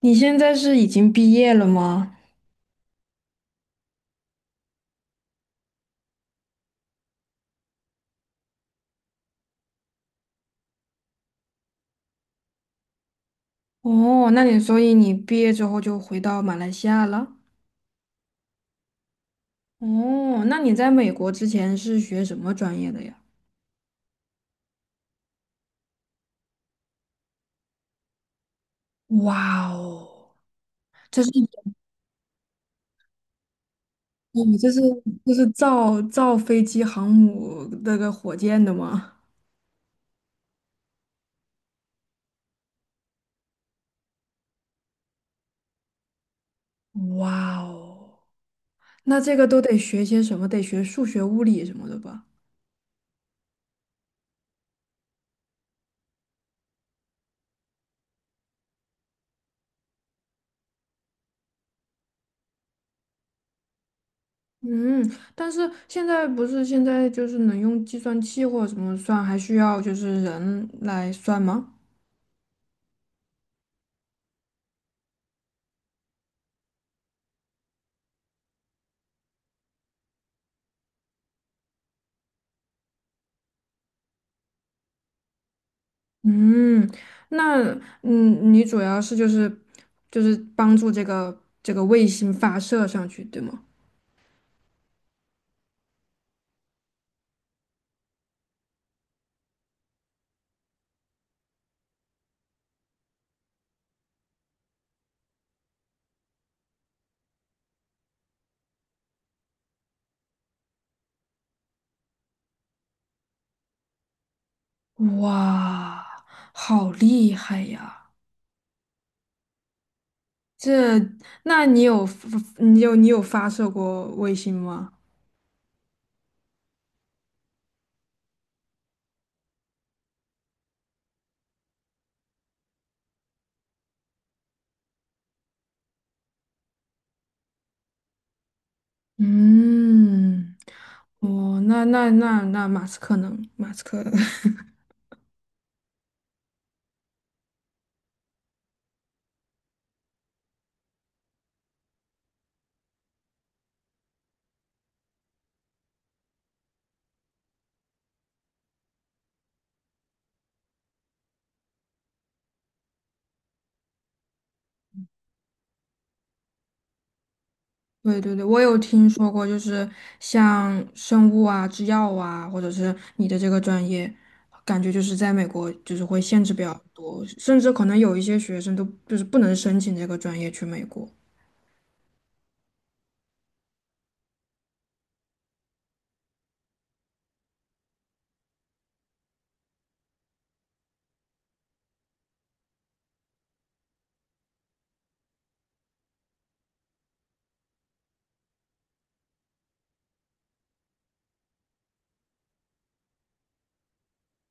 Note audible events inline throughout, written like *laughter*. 你现在是已经毕业了吗？哦，所以你毕业之后就回到马来西亚了？哦，那你在美国之前是学什么专业的呀？哇哦，这是你这是这是造飞机、航母那个火箭的吗？哇哦，那这个都得学些什么？得学数学、物理什么的吧？嗯，但是现在不是现在就是能用计算器或者什么算，还需要就是人来算吗？嗯，那你主要是就是帮助这个卫星发射上去，对吗？哇，好厉害呀！这，那你有发射过卫星吗？嗯，哦，那马斯克 *laughs* 对对对，我有听说过，就是像生物啊、制药啊，或者是你的这个专业，感觉就是在美国就是会限制比较多，甚至可能有一些学生都就是不能申请这个专业去美国。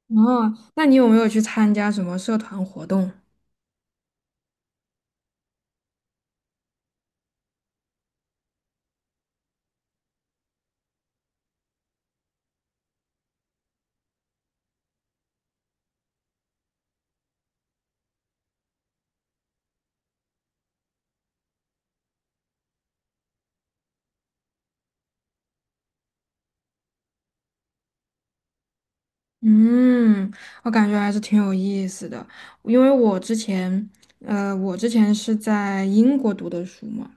哦，那你有没有去参加什么社团活动？嗯，我感觉还是挺有意思的，因为我之前是在英国读的书嘛。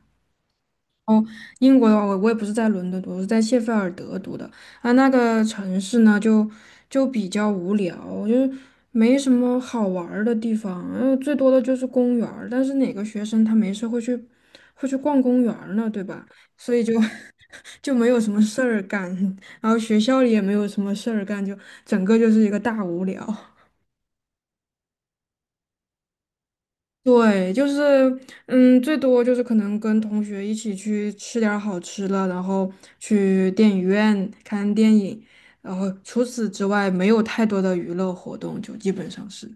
英国的话，我也不是在伦敦读，我是在谢菲尔德读的啊。那个城市呢，就比较无聊，就是没什么好玩儿的地方，然后最多的就是公园儿。但是哪个学生他没事会去逛公园儿呢，对吧？所以就 *laughs* 就没有什么事儿干，然后学校里也没有什么事儿干，就整个就是一个大无聊。对，就是，最多就是可能跟同学一起去吃点儿好吃的，然后去电影院看电影，然后除此之外没有太多的娱乐活动，就基本上是。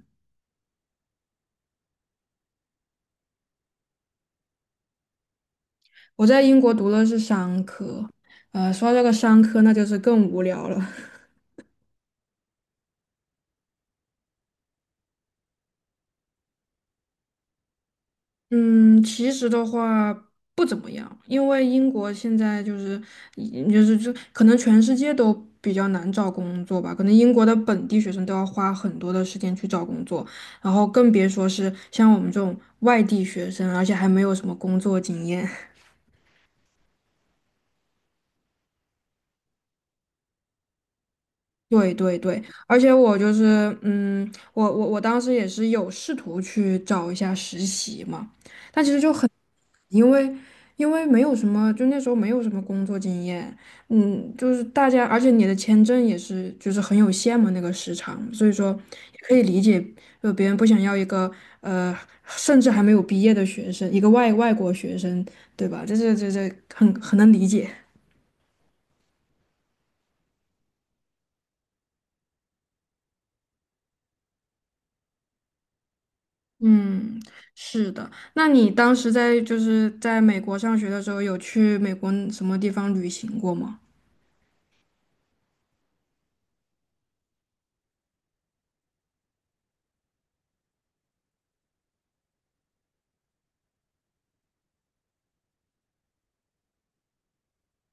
我在英国读的是商科，说到这个商科，那就是更无聊了。*laughs* 嗯，其实的话不怎么样，因为英国现在就是嗯就是就可能全世界都比较难找工作吧，可能英国的本地学生都要花很多的时间去找工作，然后更别说是像我们这种外地学生，而且还没有什么工作经验。*laughs* 对对对，而且我就是，我当时也是有试图去找一下实习嘛，但其实就很。因为因为没有什么，就那时候没有什么工作经验，就是大家，而且你的签证也是就是很有限嘛，那个时长，所以说也可以理解，就别人不想要一个呃，甚至还没有毕业的学生，一个外国学生，对吧？这很能理解。嗯，是的。那你当时在就是在美国上学的时候，有去美国什么地方旅行过吗？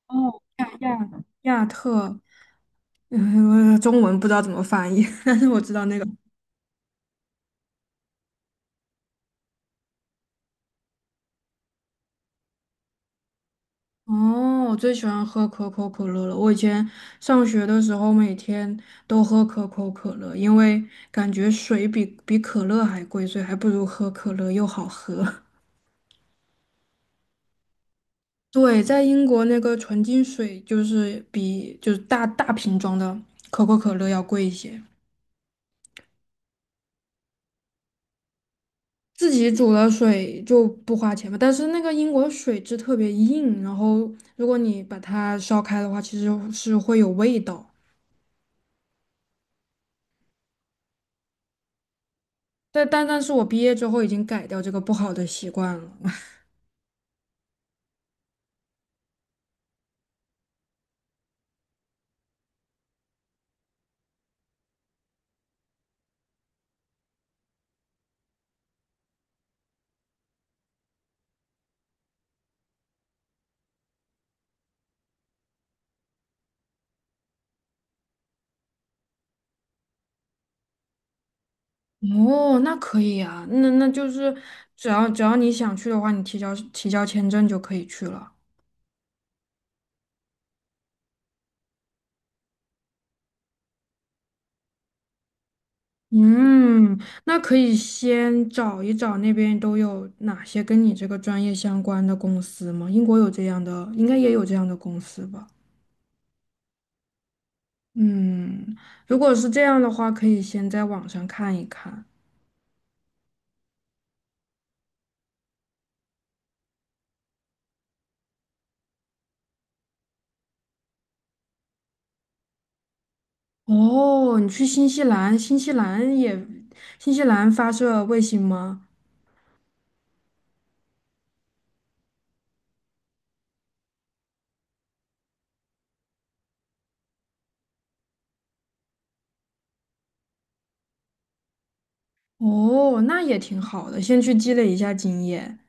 哦，亚特。嗯，我中文不知道怎么翻译，*laughs* 但是我知道那个。哦，我最喜欢喝可口可乐了。我以前上学的时候，每天都喝可口可乐，因为感觉水比可乐还贵，所以还不如喝可乐又好喝。*laughs* 对，在英国那个纯净水就是比就是大大瓶装的可口可乐要贵一些。自己煮了水就不花钱吧，但是那个英国水质特别硬，然后如果你把它烧开的话，其实是会有味道。但是我毕业之后已经改掉这个不好的习惯了。*laughs* 哦，那可以啊，那就是只要你想去的话，你提交签证就可以去了。嗯，那可以先找一找那边都有哪些跟你这个专业相关的公司吗？英国有这样的，应该也有这样的公司吧。嗯，如果是这样的话，可以先在网上看一看。哦，你去新西兰，新西兰也，新西兰发射卫星吗？哦，那也挺好的，先去积累一下经验。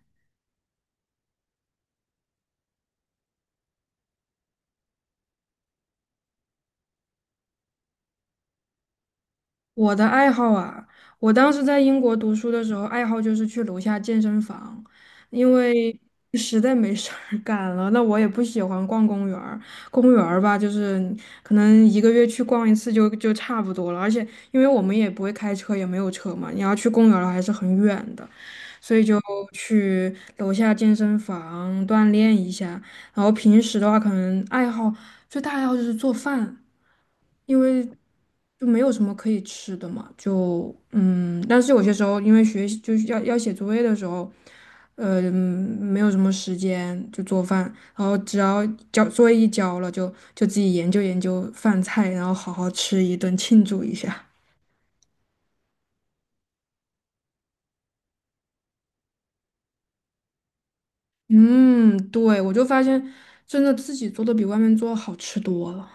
我的爱好啊，我当时在英国读书的时候，爱好就是去楼下健身房，因为实在没事儿干了。那我也不喜欢逛公园儿吧，就是可能一个月去逛一次就差不多了。而且因为我们也不会开车，也没有车嘛，你要去公园儿还是很远的，所以就去楼下健身房锻炼一下。然后平时的话，可能最大爱好就是做饭，因为就没有什么可以吃的嘛，但是有些时候因为学习就是要写作业的时候，呃，嗯没有什么时间就做饭，然后只要交作业一交了，就自己研究研究饭菜，然后好好吃一顿庆祝一下。嗯，对，我就发现真的自己做的比外面做好吃多了。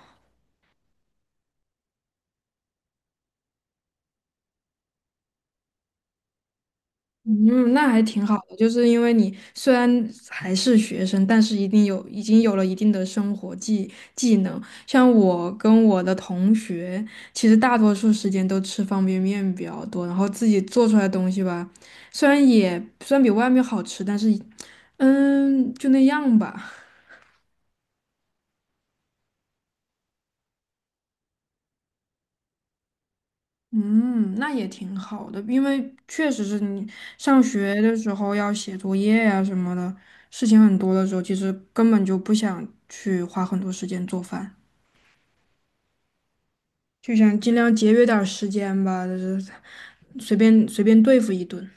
嗯，那还挺好的，就是因为你虽然还是学生，但是一定已经有了一定的生活技能。像我跟我的同学，其实大多数时间都吃方便面比较多，然后自己做出来的东西吧，虽然也虽然比外面好吃，但是就那样吧。嗯，那也挺好的，因为确实是你上学的时候要写作业呀、什么的，事情很多的时候，其实根本就不想去花很多时间做饭，就想尽量节约点儿时间吧，就是随便随便对付一顿。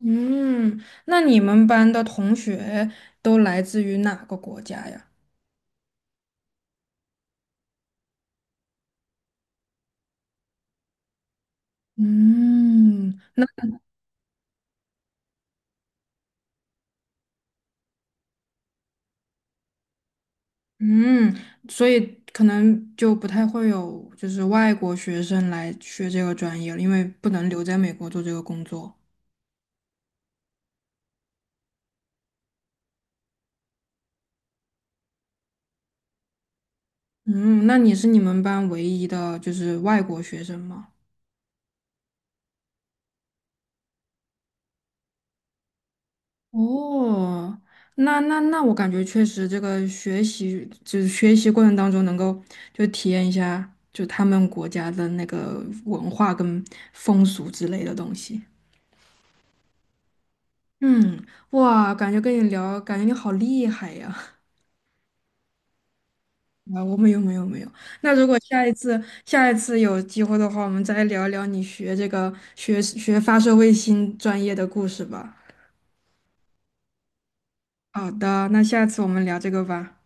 嗯，那你们班的同学都来自于哪个国家呀？嗯。嗯，所以可能就不太会有就是外国学生来学这个专业了，因为不能留在美国做这个工作。嗯，那你是你们班唯一的就是外国学生吗？哦，那我感觉确实这个学习过程当中能够就体验一下就他们国家的那个文化跟风俗之类的东西。嗯，哇，感觉跟你聊，感觉你好厉害呀。啊，我没有没有没有。那如果下一次有机会的话，我们再聊聊你学发射卫星专业的故事吧。好的，那下次我们聊这个吧。